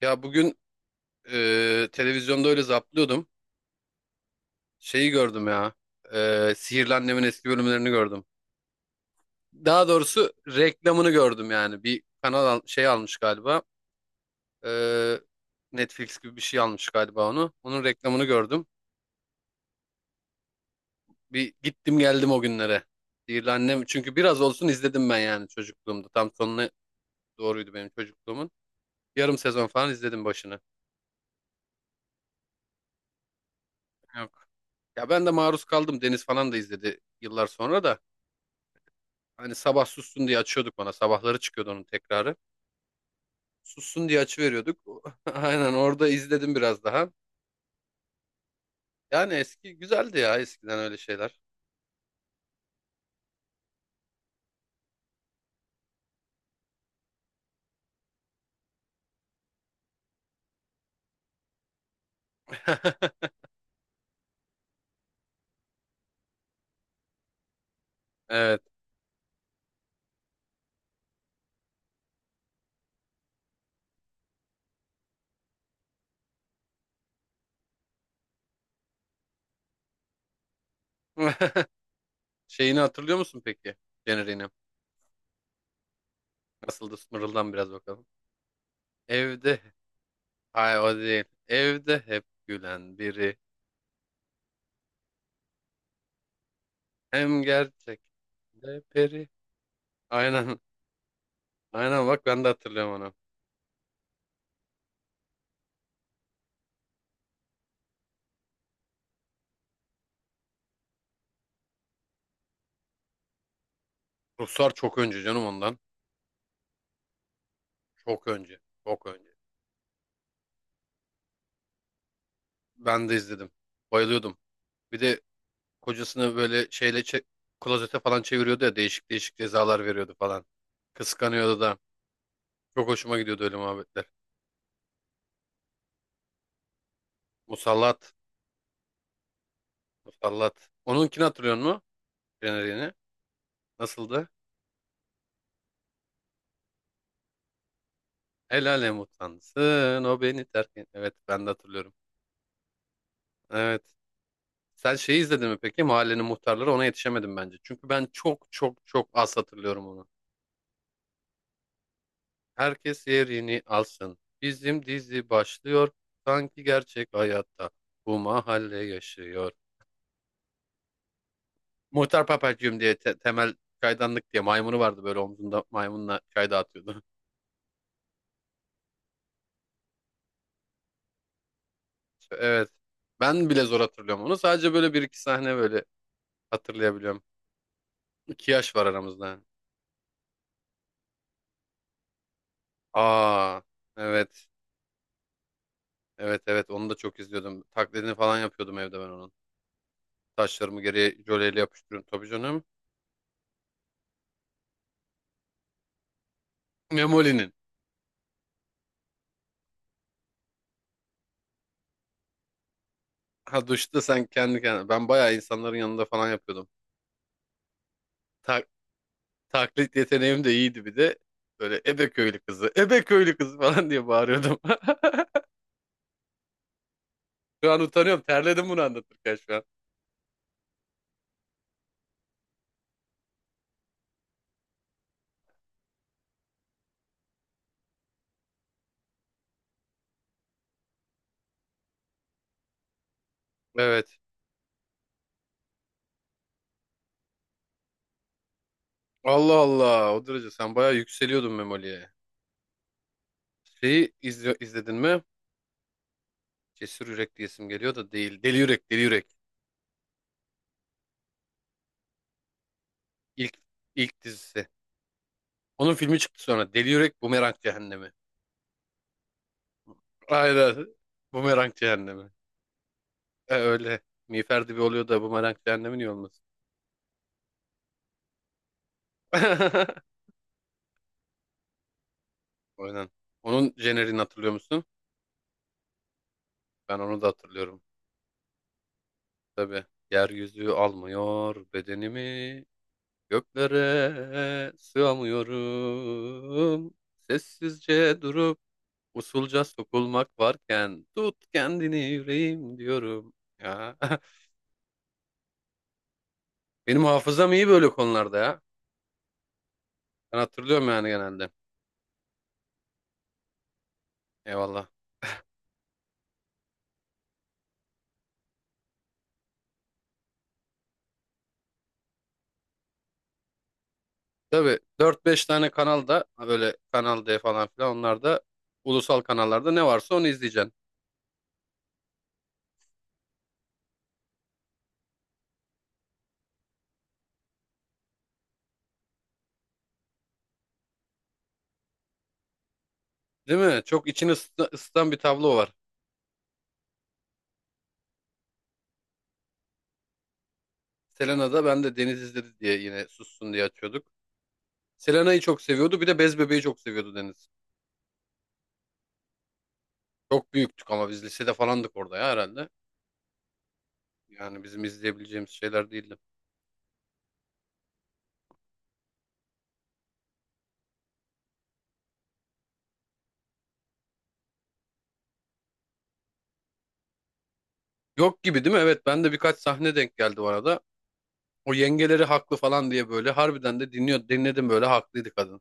Ya bugün televizyonda öyle zaplıyordum. Şeyi gördüm ya. Sihirli Annem'in eski bölümlerini gördüm. Daha doğrusu reklamını gördüm yani. Bir kanal şey almış galiba. E, Netflix gibi bir şey almış galiba onu. Onun reklamını gördüm. Bir gittim geldim o günlere. Sihirli Annem çünkü biraz olsun izledim ben yani çocukluğumda. Tam sonuna doğruydu benim çocukluğumun. Yarım sezon falan izledim başını. Yok. Ya ben de maruz kaldım. Deniz falan da izledi yıllar sonra da. Hani sabah sussun diye açıyorduk bana. Sabahları çıkıyordu onun tekrarı. Sussun diye açıveriyorduk. Aynen orada izledim biraz daha. Yani eski güzeldi ya, eskiden öyle şeyler. Evet. Şeyini hatırlıyor musun peki? Jeneriğini. Nasıldı? Mırıldan biraz bakalım. Evde. Hayır, o değil. Evde hep gülen biri. Hem gerçek. De peri. Aynen. Aynen, bak ben de hatırlıyorum onu. Ruslar çok önce canım ondan. Çok önce. Çok önce. Ben de izledim. Bayılıyordum. Bir de kocasını böyle şeyle klozete falan çeviriyordu ya, değişik değişik cezalar veriyordu falan. Kıskanıyordu da. Çok hoşuma gidiyordu öyle muhabbetler. Musallat. Musallat. Onunkini hatırlıyor musun? Jeneriğini. Nasıldı? El alem utansın o beni terk et. Evet, ben de hatırlıyorum. Evet. Sen şeyi izledin mi peki? Mahallenin muhtarları, ona yetişemedim bence. Çünkü ben çok çok çok az hatırlıyorum onu. Herkes yerini alsın. Bizim dizi başlıyor. Sanki gerçek hayatta bu mahalle yaşıyor. Muhtar Papacığım diye, temel çaydanlık diye maymunu vardı, böyle omzunda maymunla çay dağıtıyordu. Evet. Ben bile zor hatırlıyorum onu. Sadece böyle bir iki sahne böyle hatırlayabiliyorum. 2 yaş var aramızda. Aa, evet. Evet, evet, onu da çok izliyordum. Taklidini falan yapıyordum evde ben onun. Taşlarımı geriye jöleyle yapıştırıyorum tabii canım. Memoli'nin. Ha, duşta sen kendi kendine. Ben bayağı insanların yanında falan yapıyordum. Tak Taklit yeteneğim de iyiydi bir de. Böyle Ebe köylü kızı, Ebe köylü kızı falan diye bağırıyordum. Şu an utanıyorum. Terledim bunu anlatırken şu an. Evet. Allah Allah. O derece sen bayağı yükseliyordun Memoli'ye. Şeyi izledin mi? Cesur Yürek diyesim geliyor da, değil. Deli Yürek, Deli Yürek. İlk, ilk dizisi. Onun filmi çıktı sonra. Deli Yürek, Bumerang Cehennemi. Aynen. Bumerang Cehennemi. Öyle. Miğfer dibi oluyor da Bumerang Cehennemi niye olmasın? Aynen. Onun jenerini hatırlıyor musun? Ben onu da hatırlıyorum. Tabii. Yeryüzü almıyor bedenimi. Göklere sığamıyorum. Sessizce durup usulca sokulmak varken, tut kendini yüreğim diyorum. Ya, benim hafızam iyi böyle konularda ya. Ben hatırlıyorum yani genelde. Eyvallah. Tabii dört beş tane kanalda, böyle Kanal D falan filan, onlarda ulusal kanallarda ne varsa onu izleyeceksin. Değil mi? Çok içini ısıtan bir tablo var. Selena'da ben de Deniz izledi diye yine sussun diye açıyorduk. Selena'yı çok seviyordu. Bir de Bez Bebe'yi çok seviyordu Deniz. Çok büyüktük ama biz, lisede falandık orada ya herhalde. Yani bizim izleyebileceğimiz şeyler değildi. Yok gibi, değil mi? Evet, ben de birkaç sahne denk geldi bu arada. O yengeleri haklı falan diye, böyle harbiden de dinledim, böyle haklıydı kadın.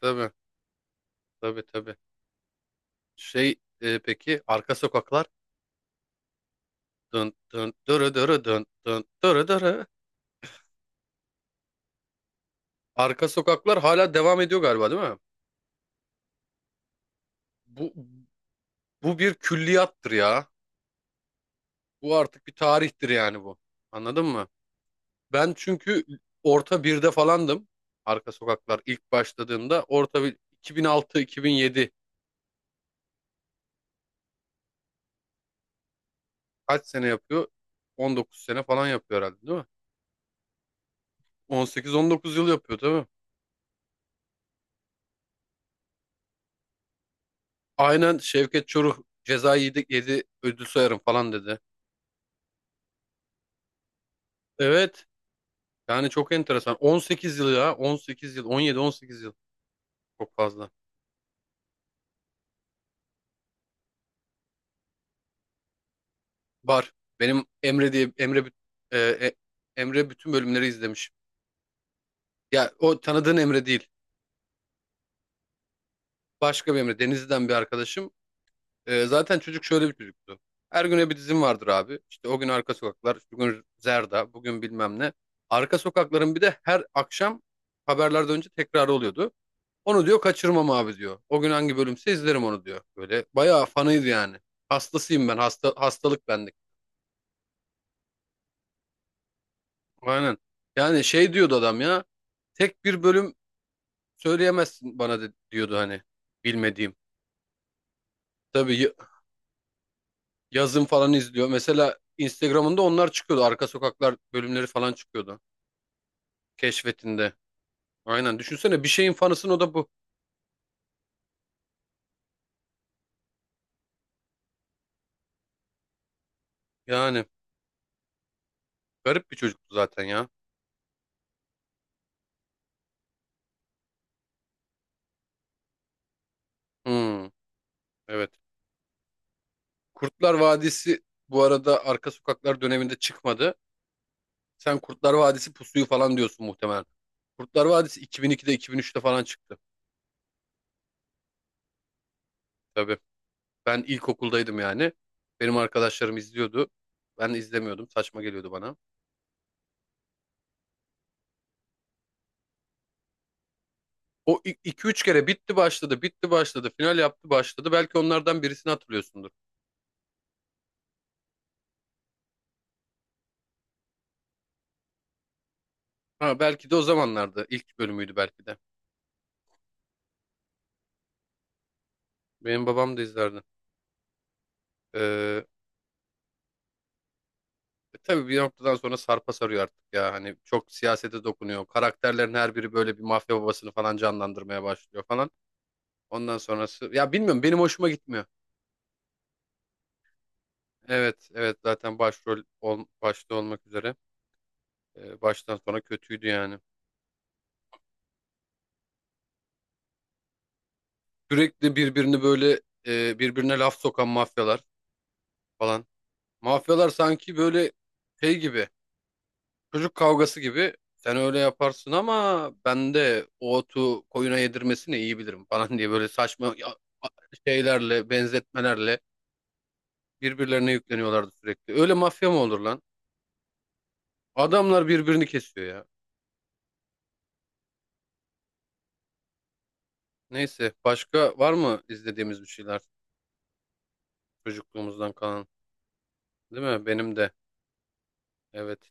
Tabii, tabii tabii. Şey peki, arka sokaklar dın dın dırı dırı dın dın dırı dırı. Arka Sokaklar hala devam ediyor galiba, değil mi? Bu bu bir külliyattır ya. Bu artık bir tarihtir yani bu. Anladın mı? Ben çünkü orta birde falandım. Arka Sokaklar ilk başladığında orta bir. 2006-2007, kaç sene yapıyor? 19 sene falan yapıyor herhalde, değil mi? 18-19 yıl yapıyor değil mi? Aynen, Şevket Çoruh ceza yedi, yedi ödül sayarım falan dedi. Evet, yani çok enteresan. 18 yıl ya, 18 yıl, 17-18 yıl, çok fazla. Var. Benim Emre diye, e, e, Emre bütün bölümleri izlemiş. Ya, o tanıdığın Emre değil. Başka bir Emre. Denizli'den bir arkadaşım. Zaten çocuk şöyle bir çocuktu. Her güne bir dizim vardır abi. İşte o gün Arka Sokaklar, bugün Zerda, bugün bilmem ne. Arka Sokaklar'ın bir de her akşam haberlerden önce tekrarı oluyordu. Onu diyor kaçırmam abi diyor. O gün hangi bölümse izlerim onu diyor. Böyle bayağı fanıydı yani. Hastasıyım ben. Hasta, hastalık bendik. Aynen. Yani şey diyordu adam ya. Tek bir bölüm söyleyemezsin bana diyordu hani. Bilmediğim. Tabii yazın falan izliyor. Mesela Instagram'ında onlar çıkıyordu. Arka Sokaklar bölümleri falan çıkıyordu, keşfetinde. Aynen. Düşünsene bir şeyin fanısın, o da bu. Yani garip bir çocuktu zaten ya. Hmm, evet. Kurtlar Vadisi bu arada Arka Sokaklar döneminde çıkmadı. Sen Kurtlar Vadisi Pusu'yu falan diyorsun muhtemelen. Kurtlar Vadisi 2002'de, 2003'te falan çıktı. Tabii. Ben ilkokuldaydım yani. Benim arkadaşlarım izliyordu. Ben izlemiyordum. Saçma geliyordu bana. O iki üç kere bitti başladı, bitti başladı, final yaptı başladı. Belki onlardan birisini hatırlıyorsundur. Ha, belki de o zamanlarda ilk bölümüydü belki de. Benim babam da izlerdi. Ee, tabii bir noktadan sonra sarpa sarıyor artık ya. Hani çok siyasete dokunuyor. Karakterlerin her biri böyle bir mafya babasını falan canlandırmaya başlıyor falan. Ondan sonrası ya, bilmiyorum, benim hoşuma gitmiyor. Evet, evet, zaten başrol başta olmak üzere baştan sonra kötüydü yani. Sürekli birbirini böyle birbirine laf sokan mafyalar falan. Mafyalar sanki böyle şey gibi, çocuk kavgası gibi, sen öyle yaparsın ama ben de o otu koyuna yedirmesini iyi bilirim falan diye, böyle saçma şeylerle, benzetmelerle birbirlerine yükleniyorlardı sürekli. Öyle mafya mı olur lan? Adamlar birbirini kesiyor ya. Neyse, başka var mı izlediğimiz bir şeyler çocukluğumuzdan kalan? Değil mi? Benim de. Evet.